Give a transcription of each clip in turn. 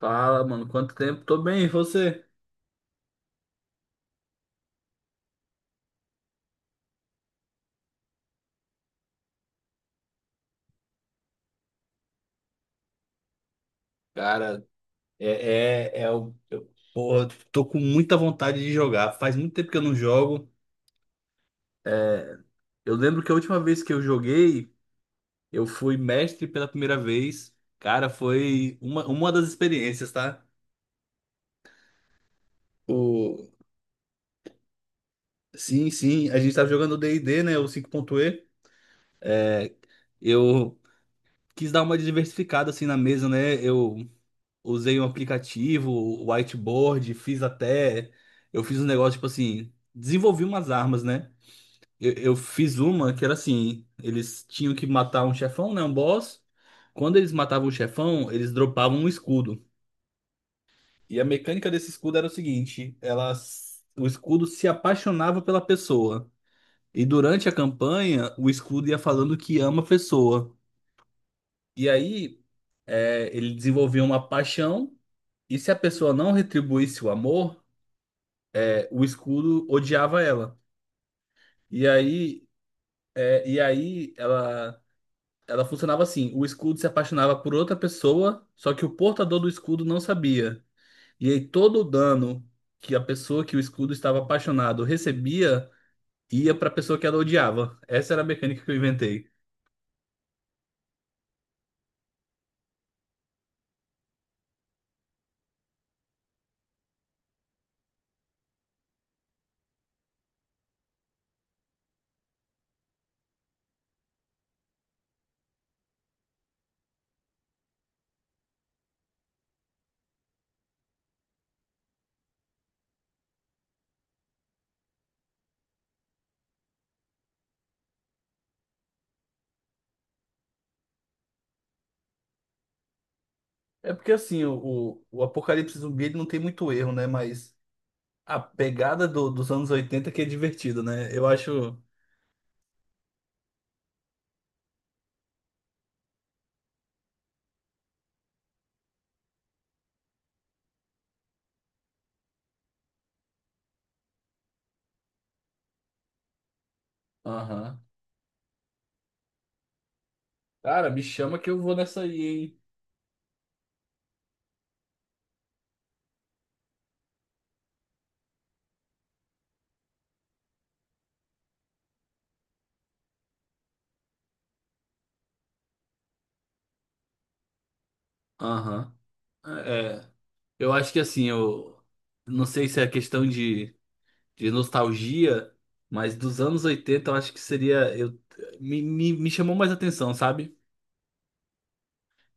Fala, mano, quanto tempo? Tô bem, e você? Cara, é, é, é o. Eu, porra, tô com muita vontade de jogar. Faz muito tempo que eu não jogo. É, Eu lembro que a última vez que eu joguei, eu fui mestre pela primeira vez. Cara, foi uma das experiências, tá? O... Sim, sim, a gente tava jogando o D&D, né? O cinco ponto e Eu quis dar uma diversificada assim na mesa, né? Eu usei um aplicativo, o whiteboard, fiz até. Eu fiz um negócio, tipo assim, desenvolvi umas armas, né? Eu fiz uma que era assim: eles tinham que matar um chefão, né? Um boss. Quando eles matavam o chefão, eles dropavam um escudo. E a mecânica desse escudo era o seguinte: o escudo se apaixonava pela pessoa. E durante a campanha, o escudo ia falando que ama a pessoa. E aí, ele desenvolvia uma paixão. E se a pessoa não retribuísse o amor, o escudo odiava ela. E aí, e aí ela funcionava assim: o escudo se apaixonava por outra pessoa, só que o portador do escudo não sabia. E aí todo o dano que a pessoa que o escudo estava apaixonado recebia ia para a pessoa que ela odiava. Essa era a mecânica que eu inventei. É porque assim, o Apocalipse Zumbi ele não tem muito erro, né? Mas a pegada dos anos 80 que é divertido, né? Eu acho. Aham. Cara, me chama que eu vou nessa aí, hein? Aham. É, é, eu acho que assim, eu não sei se é questão de nostalgia, mas dos anos 80 eu acho que seria. Me chamou mais atenção, sabe?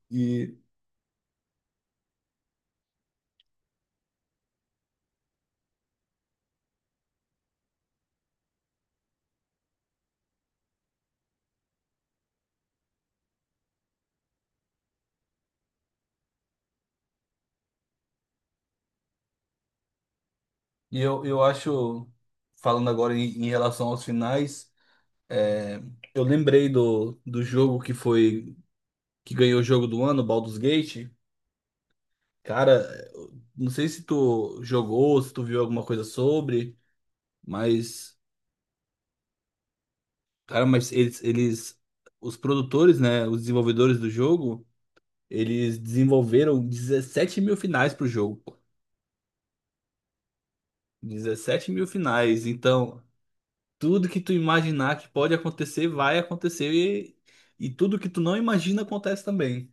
E, e eu acho, falando agora em relação aos finais, é, eu lembrei do jogo que ganhou o jogo do ano, Baldur's Gate. Cara, eu não sei se tu jogou, se tu viu alguma coisa sobre, mas. Cara, mas eles, os produtores, né, os desenvolvedores do jogo, eles desenvolveram 17 mil finais pro jogo. Pô. 17 mil finais. Então, tudo que tu imaginar que pode acontecer, vai acontecer. e tudo que tu não imagina acontece também.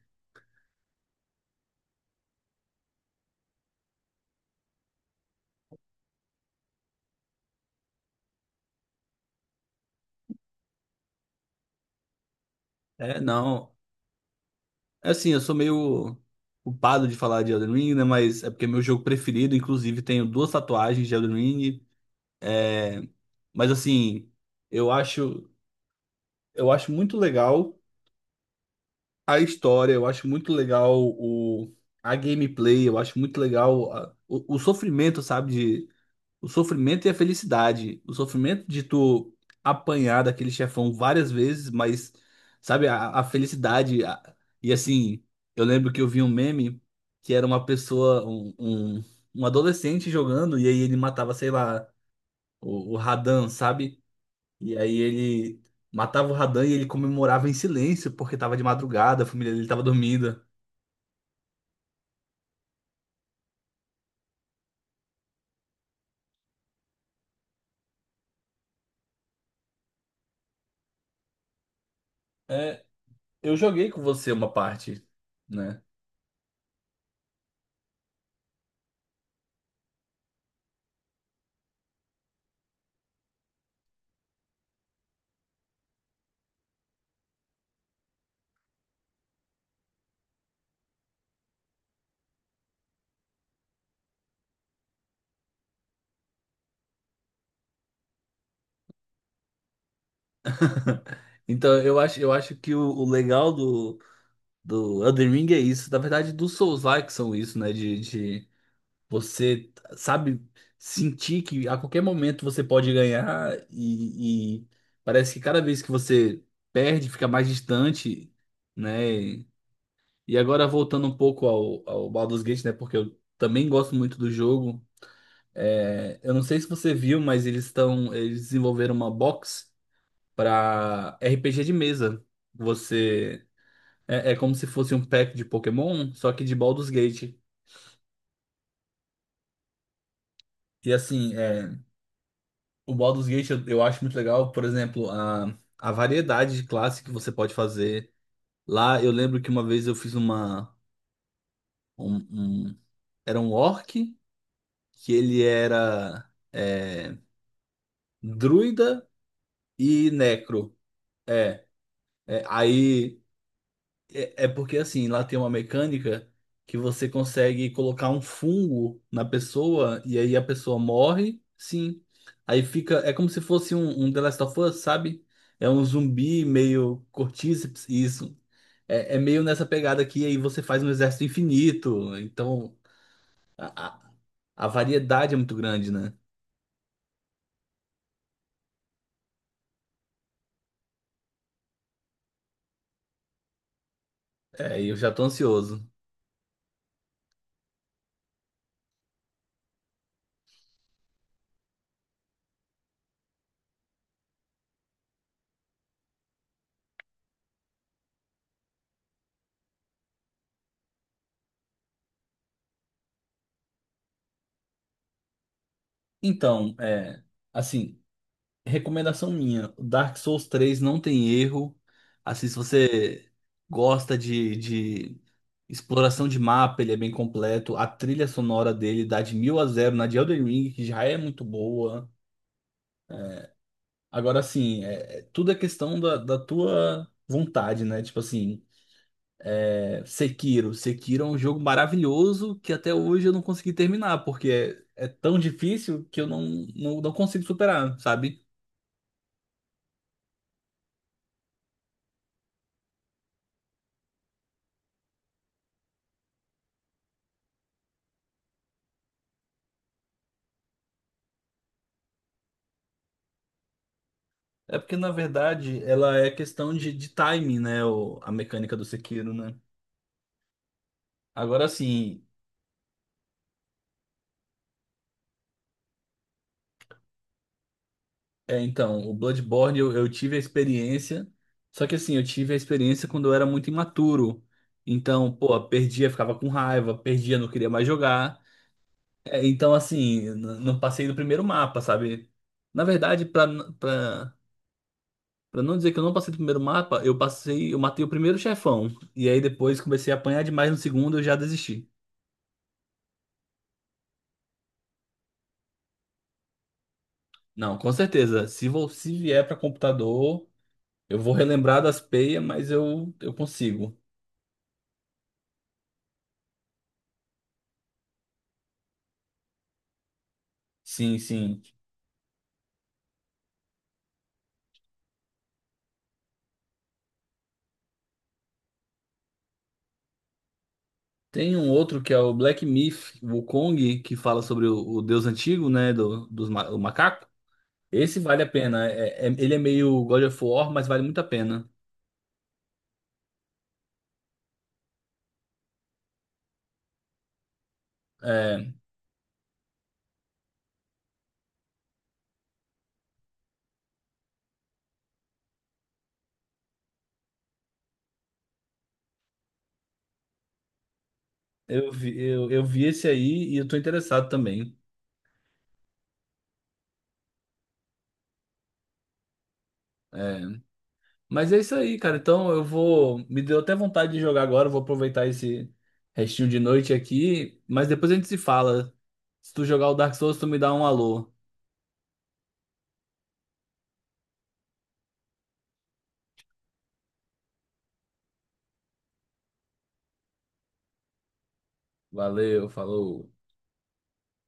É, não. É assim, eu sou meio culpado de falar de Elden Ring, né, mas é porque é meu jogo preferido. Inclusive, tenho duas tatuagens de Elden Ring. Mas, assim, eu acho, eu acho muito legal. A história, eu acho muito legal a gameplay, eu acho muito legal o sofrimento, sabe? De, o sofrimento e a felicidade. O sofrimento de tu apanhar daquele chefão várias vezes, mas, sabe, a felicidade. E assim, eu lembro que eu vi um meme que era uma pessoa, um adolescente jogando, e aí ele matava, sei lá, o Radan, sabe? E aí ele matava o Radan e ele comemorava em silêncio, porque tava de madrugada, a família dele tava dormindo. É, eu joguei com você uma parte, né? Então eu acho que o legal do Elden Ring é isso. Na verdade, dos Souls-like são isso, né? De você, sabe, sentir que a qualquer momento você pode ganhar e parece que cada vez que você perde, fica mais distante, né? E agora voltando um pouco ao Baldur's Gate, né? Porque eu também gosto muito do jogo. Eu não sei se você viu, mas eles desenvolveram uma box para RPG de mesa. Você É como se fosse um pack de Pokémon, só que de Baldur's Gate. E assim, o Baldur's Gate eu acho muito legal, por exemplo, a variedade de classe que você pode fazer. Lá eu lembro que uma vez eu fiz um, um- era um orc que ele era Druida e Necro. É, aí, porque assim, lá tem uma mecânica que você consegue colocar um fungo na pessoa e aí a pessoa morre, sim. Aí fica, é como se fosse um The Last of Us, sabe? É um zumbi meio cortíceps, isso. É meio nessa pegada aqui, aí você faz um exército infinito. Então, a, a, a variedade é muito grande, né? E eu já tô ansioso. Então, assim. Recomendação minha, Dark Souls 3 não tem erro. Assim, se você gosta de exploração de mapa, ele é bem completo. A trilha sonora dele dá de mil a zero na de Elden Ring, que já é muito boa. Agora, assim, tudo é questão da tua vontade, né? Tipo assim, Sekiro. Sekiro é um jogo maravilhoso que até hoje eu não consegui terminar, porque é tão difícil que eu não consigo superar, sabe? É porque, na verdade, ela é questão de timing, né? O, a mecânica do Sekiro, né? Agora, assim, então, o Bloodborne eu tive a experiência, só que assim, eu tive a experiência quando eu era muito imaturo. Então, pô, perdia, ficava com raiva, perdia, não queria mais jogar. É, então, assim, não passei do primeiro mapa, sabe? Na verdade, pra não dizer que eu não passei do primeiro mapa, eu passei, eu matei o primeiro chefão. E aí depois comecei a apanhar demais no segundo, eu já desisti. Não, com certeza. Se vier para computador, eu vou relembrar das peias, mas eu consigo. Sim, sim. Tem um outro que é o Black Myth Wukong, que fala sobre o deus antigo, né, o macaco. Esse vale a pena. Ele é meio God of War, mas vale muito a pena. É, eu vi esse aí e eu tô interessado também. É, Mas é isso aí, cara. Então eu vou. Me deu até vontade de jogar agora. Eu vou aproveitar esse restinho de noite aqui. Mas depois a gente se fala. Se tu jogar o Dark Souls, tu me dá um alô. Valeu, falou.